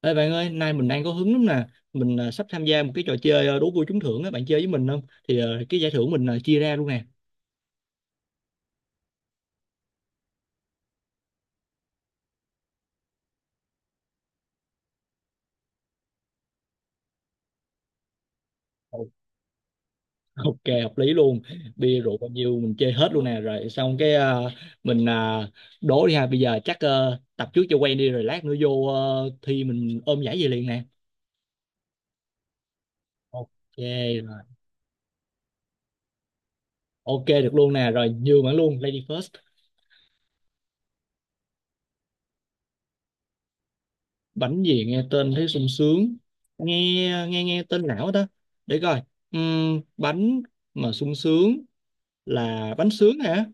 Ê bạn ơi, nay mình đang có hứng lắm nè. Mình à, sắp tham gia một cái trò chơi à, đố vui trúng thưởng á, bạn chơi với mình không? Thì à, cái giải thưởng mình à, chia ra luôn nè. Ồ, Ok, hợp lý luôn. Bia rượu bao nhiêu mình chơi hết luôn nè. Rồi xong cái à, mình à, đố đi ha. Bây giờ chắc tập trước cho quen đi rồi lát nữa vô thi mình ôm giải về liền nè. Ok rồi. Ok được luôn nè. Rồi nhường bạn luôn, Lady First. Bánh gì nghe tên thấy sung sướng. Nghe nghe nghe tên lão đó. Để coi. Bánh mà sung sướng là bánh sướng hả?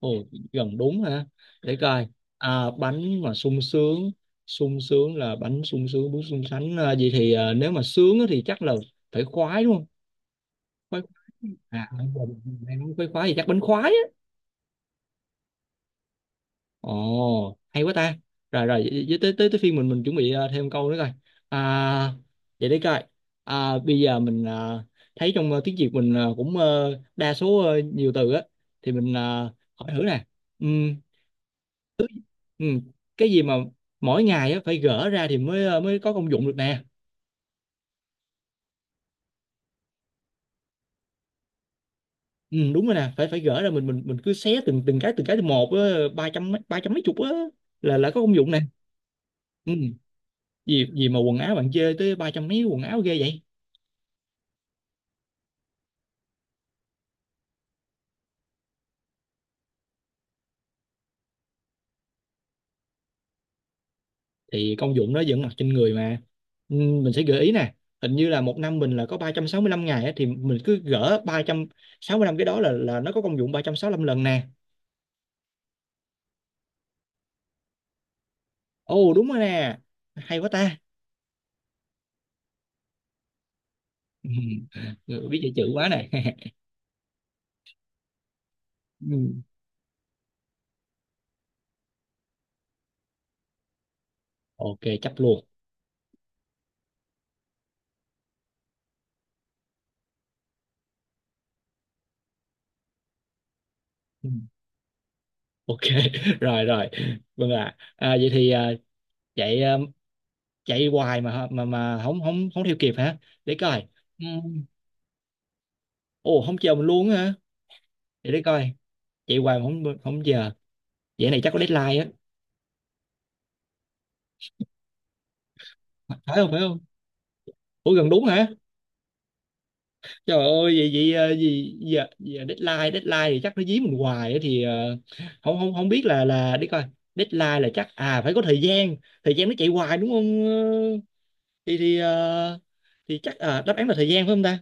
Ồ, gần đúng hả? Để coi. À, bánh mà sung sướng, sung sướng là bánh sung sướng, bún sung sánh. À, vậy thì à, nếu mà sướng á thì chắc là phải khoái đúng không? Khoái khoái. À không, em nói khoái khoái thì chắc bánh khoái á. Ồ hay quá ta. Rồi rồi tới tới tới phiên Mình chuẩn bị à, thêm câu nữa coi. À, vậy để coi. À, bây giờ mình à, thấy trong à, tiếng Việt mình à, cũng đa số nhiều từ á, thì mình à, hỏi thử nè. Ừ, ừ. Cái gì mà mỗi ngày á phải gỡ ra thì mới mới có công dụng được nè? Ừ, đúng rồi nè, phải phải gỡ ra, mình cứ xé từng từng cái, từng cái từng một á, ba trăm mấy chục á là có công dụng nè. Ừ. Gì gì mà quần áo bạn chê tới ba trăm mấy quần áo ghê vậy? Thì công dụng nó vẫn mặc trên người mà. Ừ, mình sẽ gợi ý nè. Hình như là một năm mình là có 365 ngày á, thì mình cứ gỡ 365 cái, đó là nó có công dụng 365 lần nè. Ồ đúng rồi nè, hay quá ta. Ừ. Biết chạy chữ quá nè. Ừ. Ok chấp luôn. Ừ. Ok. Rồi rồi. Vâng ạ. À, vậy thì à, chạy hoài mà hả- mà không không không theo kịp hả? Để coi. Ừm, ồ không chờ mình luôn á hả? Để coi, chạy hoài mà không không chờ. Vậy này chắc có deadline á, phải không phải không? Ủa gần đúng hả? Trời ơi vậy vậy gì giờ, giờ deadline, deadline thì chắc nó dí mình hoài á, thì không không không biết là đi coi. Deadline là chắc à phải có thời gian, thời gian nó chạy hoài đúng không? Ờ, thì thì ờ, thì chắc à, đáp án là thời gian phải không ta?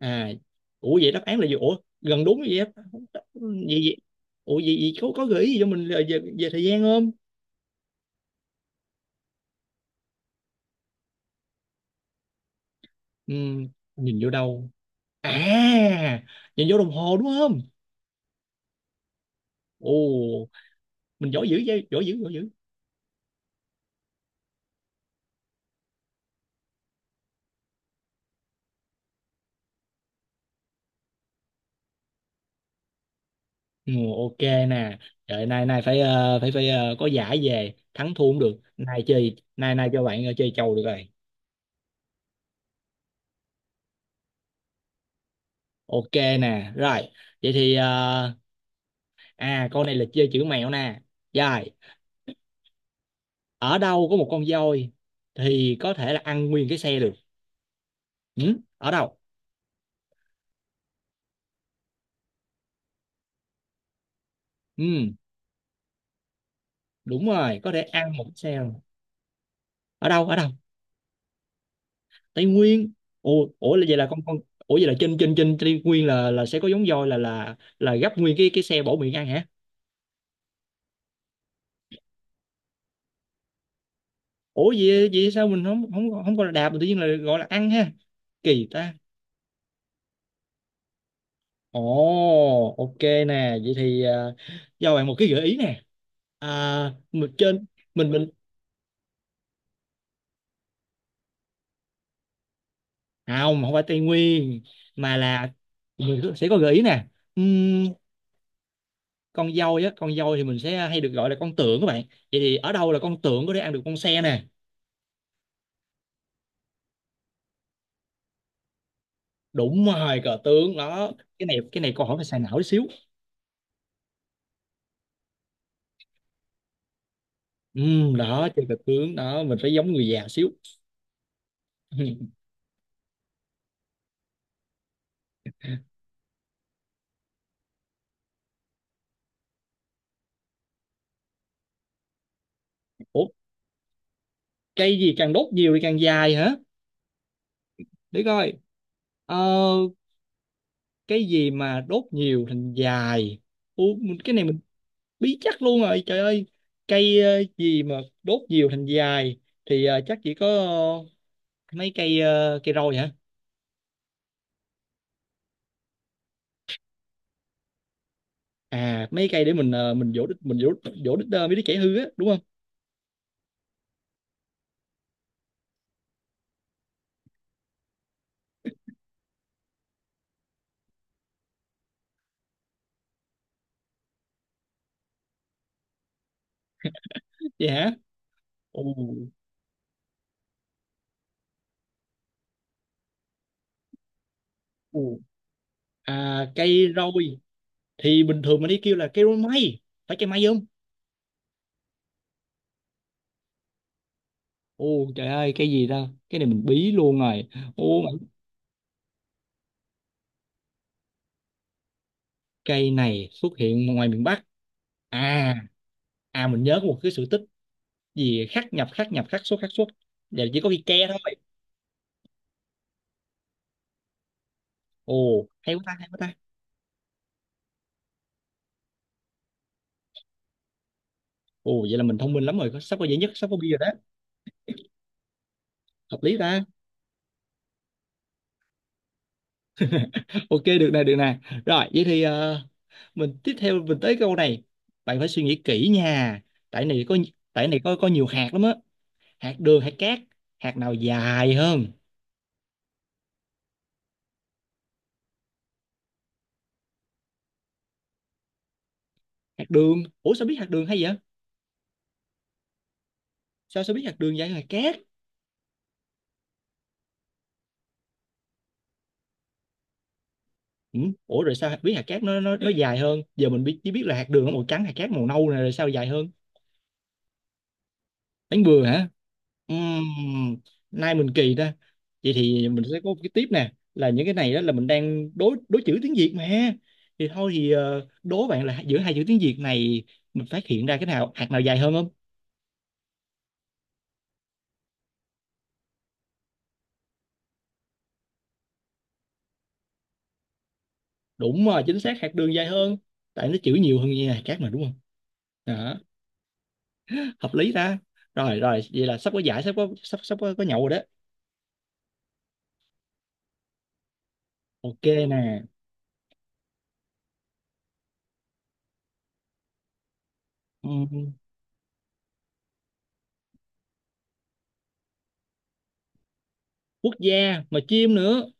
À, ủa vậy đáp án là gì? Ủa gần đúng vậy á? Không, vậy vậy, ủa vậy, vậy có gợi ý gì cho mình là về, về thời gian không? Ừ, nhìn vô đâu? À, nhìn vô đồng hồ đúng không? Ồ mình giỏi dữ vậy, giỏi dữ, giỏi dữ. Ừ, ok nè. Trời, nay nay phải phải phải ờ, có giải về, thắng thua cũng được, nay chơi, nay nay cho bạn chơi chầu được rồi. Ok nè rồi. Vậy thì ờ, à con này là chơi chữ mẹo nè. Rồi, ở đâu có một con voi thì có thể là ăn nguyên cái xe được? Ừ? Ở đâu? Ừ, đúng rồi, có thể ăn một cái xe luôn. Ở đâu ở đâu? Tây Nguyên? Ủa ủa là vậy là con, ủa vậy là trên trên trên Tây Nguyên là sẽ có giống voi là gấp nguyên cái xe bổ miệng ăn hả? Ủa vậy vậy sao mình không không không gọi là đạp mà tự nhiên là gọi là ăn ha? Kỳ ta. Ồ ok nè. Vậy thì à, cho bạn một cái gợi ý nè. À, mình trên, mình không, không phải Tây Nguyên, mà là mình có- sẽ có gợi ý nè. Ừm, con dâu á, con dâu thì mình sẽ hay được gọi là con tượng các bạn. Vậy thì ở đâu là con tượng có thể ăn được con xe nè? Đúng rồi cờ tướng đó. Cái này cái này câu hỏi phải xài não tí xíu. Đó chơi cờ tướng đó mình phải giống người già xíu. Ủa cây gì càng đốt nhiều thì càng dài hả? Để coi. ờ, cái gì mà đốt nhiều thành dài? Ủa, cái này mình bí chắc luôn rồi trời ơi. Cây gì mà đốt nhiều thành dài thì chắc chỉ có ờ, mấy cây cây roi hả? À mấy cây để mình mình vỗ đít, mình vỗ, vỗ đít mấy đứa trẻ hư á đúng không? Vậy hả? Ồ. Ồ. À cây roi thì bình thường mình đi kêu là cây roi mây, phải cây mây không? Ồ trời ơi cây gì ta, cái này mình bí luôn rồi. Ồ cây này xuất hiện ngoài miền Bắc? À, à mình nhớ có một cái sự tích gì khắc nhập khắc nhập khắc xuất khắc xuất. Giờ chỉ có cây ke thôi. Ồ hay quá ta, hay quá ta. Ồ vậy là mình thông minh lắm rồi, sắp có giải nhất, sắp có bi rồi đó. Hợp lý ta. Ok được nè, được nè. Rồi vậy thì mình tiếp theo, mình tới câu này, bạn phải suy nghĩ kỹ nha. Tại này có, tại này có nhiều hạt lắm á. Hạt đường, hạt cát, hạt nào dài hơn? Hạt đường? Ủa sao biết hạt đường hay vậy? Sao sao biết hạt đường dài hơn hạt cát? Ừ. Ủa rồi sao biết hạt cát nó nó dài hơn? Giờ mình biết chỉ biết là hạt đường nó màu trắng, hạt cát màu nâu này, rồi sao dài hơn? Đánh bừa hả? Ừm, Nay mình kỳ ta. Vậy thì mình sẽ có một cái tiếp nè, là những cái này đó là mình đang đối đối chữ tiếng Việt mà. Thì thôi thì đố bạn là giữa hai chữ tiếng Việt này mình phát hiện ra cái nào, hạt nào dài hơn không? Đúng rồi, chính xác hạt đường dài hơn. Tại nó chữ nhiều hơn như hạt cát mà đúng không? Đó, hợp lý ta. Rồi rồi, vậy là sắp có giải, sắp có, sắp sắp có nhậu rồi đó. Ok nè. Ừ. Quốc gia mà chim nữa?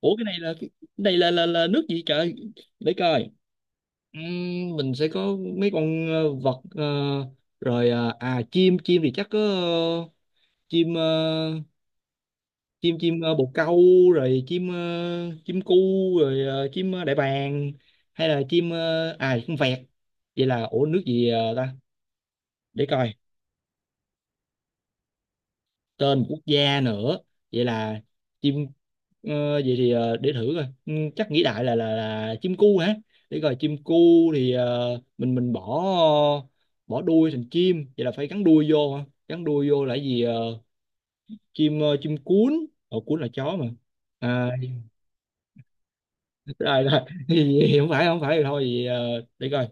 Ủa cái này là nước gì trời? Để coi. Mình sẽ có mấy con vật rồi à chim, chim thì chắc có chim chim chim ờ, bồ câu, rồi chim chim cu, rồi chim đại bàng, hay là chim à chim vẹt. Vậy là ủa nước gì ta? Để coi. Tên quốc gia nữa? Vậy là chim vậy thì để thử coi. Ừ, chắc nghĩ đại là chim cu hả, để coi chim cu thì mình bỏ, bỏ đuôi thành chim, vậy là phải gắn đuôi vô hả, gắn đuôi vô là gì? Ờ, Chim chim cuốn, ở cuốn là chó mà. À, rồi rồi, thì không phải không phải thì thôi thì, để coi.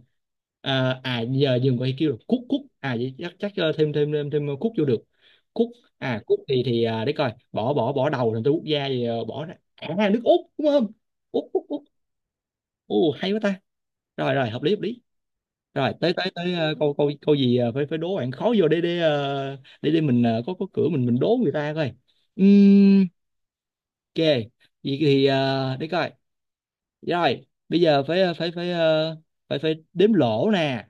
À, à giờ dừng coi kêu được cút cút, à vậy chắc chắc ờ, thêm thêm thêm thêm cút vô được, cút. À cút thì à, để coi, bỏ bỏ bỏ đầu thành tôi quốc gia thì bỏ ra à nước Úc đúng không? Úc Úc Úc. Ồ hay quá ta. Rồi rồi, hợp lý hợp lý. Rồi tới tới tới câu câu câu gì phải phải đố bạn khó vô để để mình có cửa, mình đố người ta coi. Ừm, ok. Vậy thì để coi. Rồi, bây giờ phải phải phải ờ, phải phải đếm lỗ nè.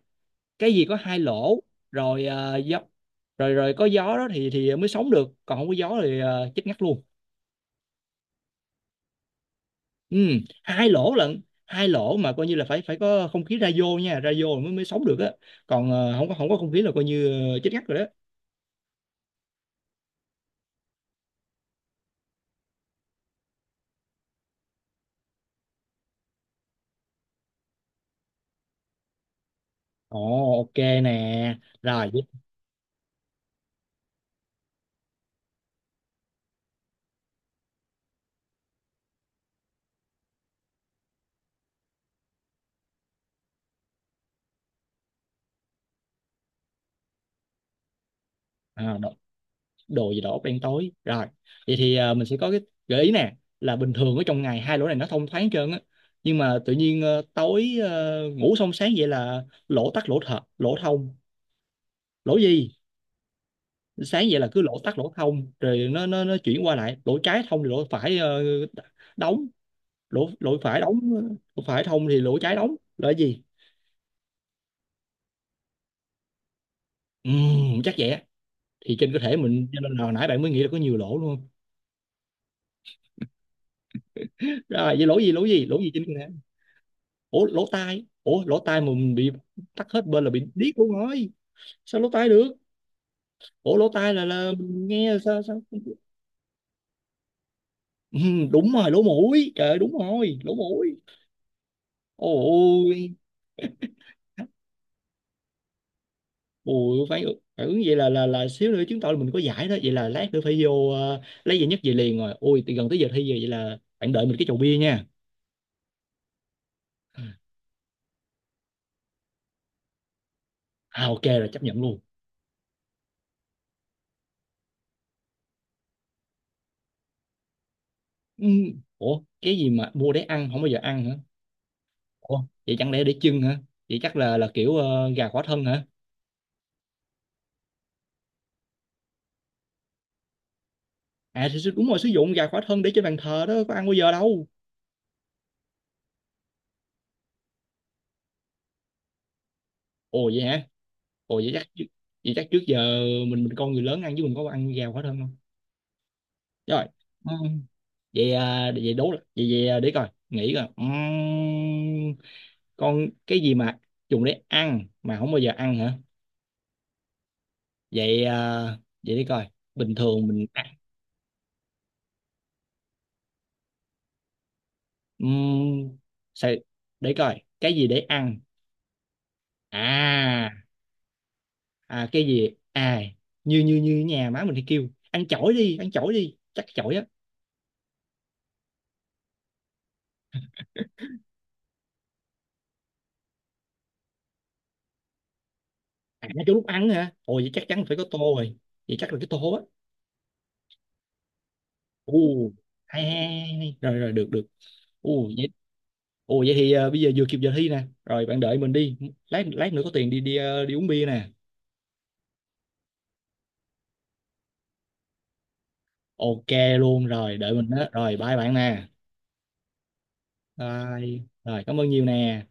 Cái gì có hai lỗ, rồi gió, rồi rồi có gió đó thì mới sống được, còn không có gió thì chết ngắt luôn. Ừ, hai lỗ lận, hai lỗ mà coi như là phải phải có không khí ra vô nha, ra vô mới mới sống được á. Còn không có không có không khí là coi như chết ngắt rồi đó. Ồ, ok nè. Rồi, à, đồ gì đó đen tối rồi. Vậy thì mình sẽ có cái gợi ý nè, là bình thường ở trong ngày, hai lỗ này nó thông thoáng hết trơn á, nhưng mà tự nhiên tối ngủ xong sáng vậy là lỗ tắc lỗ thật lỗ thông, lỗ gì, sáng vậy là cứ lỗ tắc lỗ thông, rồi nó nó chuyển qua lại, lỗ trái thông thì lỗ phải đóng, lỗ lỗ phải đóng lỗ phải thông thì lỗ trái đóng, là cái gì? Chắc vậy á, thì trên cơ thể mình, cho nên là hồi nãy bạn mới nghĩ là có nhiều lỗ luôn. Rồi vậy lỗ gì, lỗ gì lỗ gì trên cơ thể? Ủa lỗ tai? Ủa lỗ tai mà mình bị tắc hết bên là bị điếc luôn rồi, sao lỗ tai được? Ủa lỗ tai là mình nghe là sao sao? Ừ, đúng rồi lỗ mũi, trời ơi, đúng rồi lỗ mũi. Ôi, ôi phải, phải ứng vậy là xíu nữa chứng tỏ là mình có giải đó, vậy là lát nữa phải vô lấy giải nhất về liền rồi, ôi thì gần tới giờ thi rồi, vậy là bạn đợi mình cái chầu bia nha. À ok rồi chấp nhận luôn. Ừ. Ủa cái gì mà mua để ăn không bao giờ ăn hả? Ủa vậy chẳng lẽ để chưng hả? Vậy chắc là kiểu gà khỏa thân hả? À thì đúng rồi, sử dụng gà khỏa thân để trên bàn thờ đó có ăn bao giờ đâu. Ồ vậy hả? Ồ vậy chắc vậy chắc trước giờ mình con người lớn ăn chứ mình có ăn gà khỏa thân không? Rồi. Ừ. Vậy à, vậy đố lại. Vậy vậy à, để coi, nghĩ coi. Con cái gì mà dùng để ăn mà không bao giờ ăn hả? Vậy à, vậy để coi. Bình thường mình ăn. Ừm, sao để coi cái gì để ăn? À, à, cái gì à, như như như nhà má mình thì kêu ăn chổi đi, ăn chổi đi, chắc chổi á. À cái lúc ăn hả? Ôi vậy chắc chắn phải có tô rồi, vậy chắc là cái tô á. Ù, hay, hay, hay, hay. Rồi rồi được được. Ù vậy, ù vậy thì bây giờ vừa kịp giờ thi nè, rồi bạn đợi mình đi, lát lát nữa có tiền đi, đi uống bia nè. Ok luôn rồi, đợi mình đó, rồi bye bạn nè. Bye. Rồi cảm ơn nhiều nè.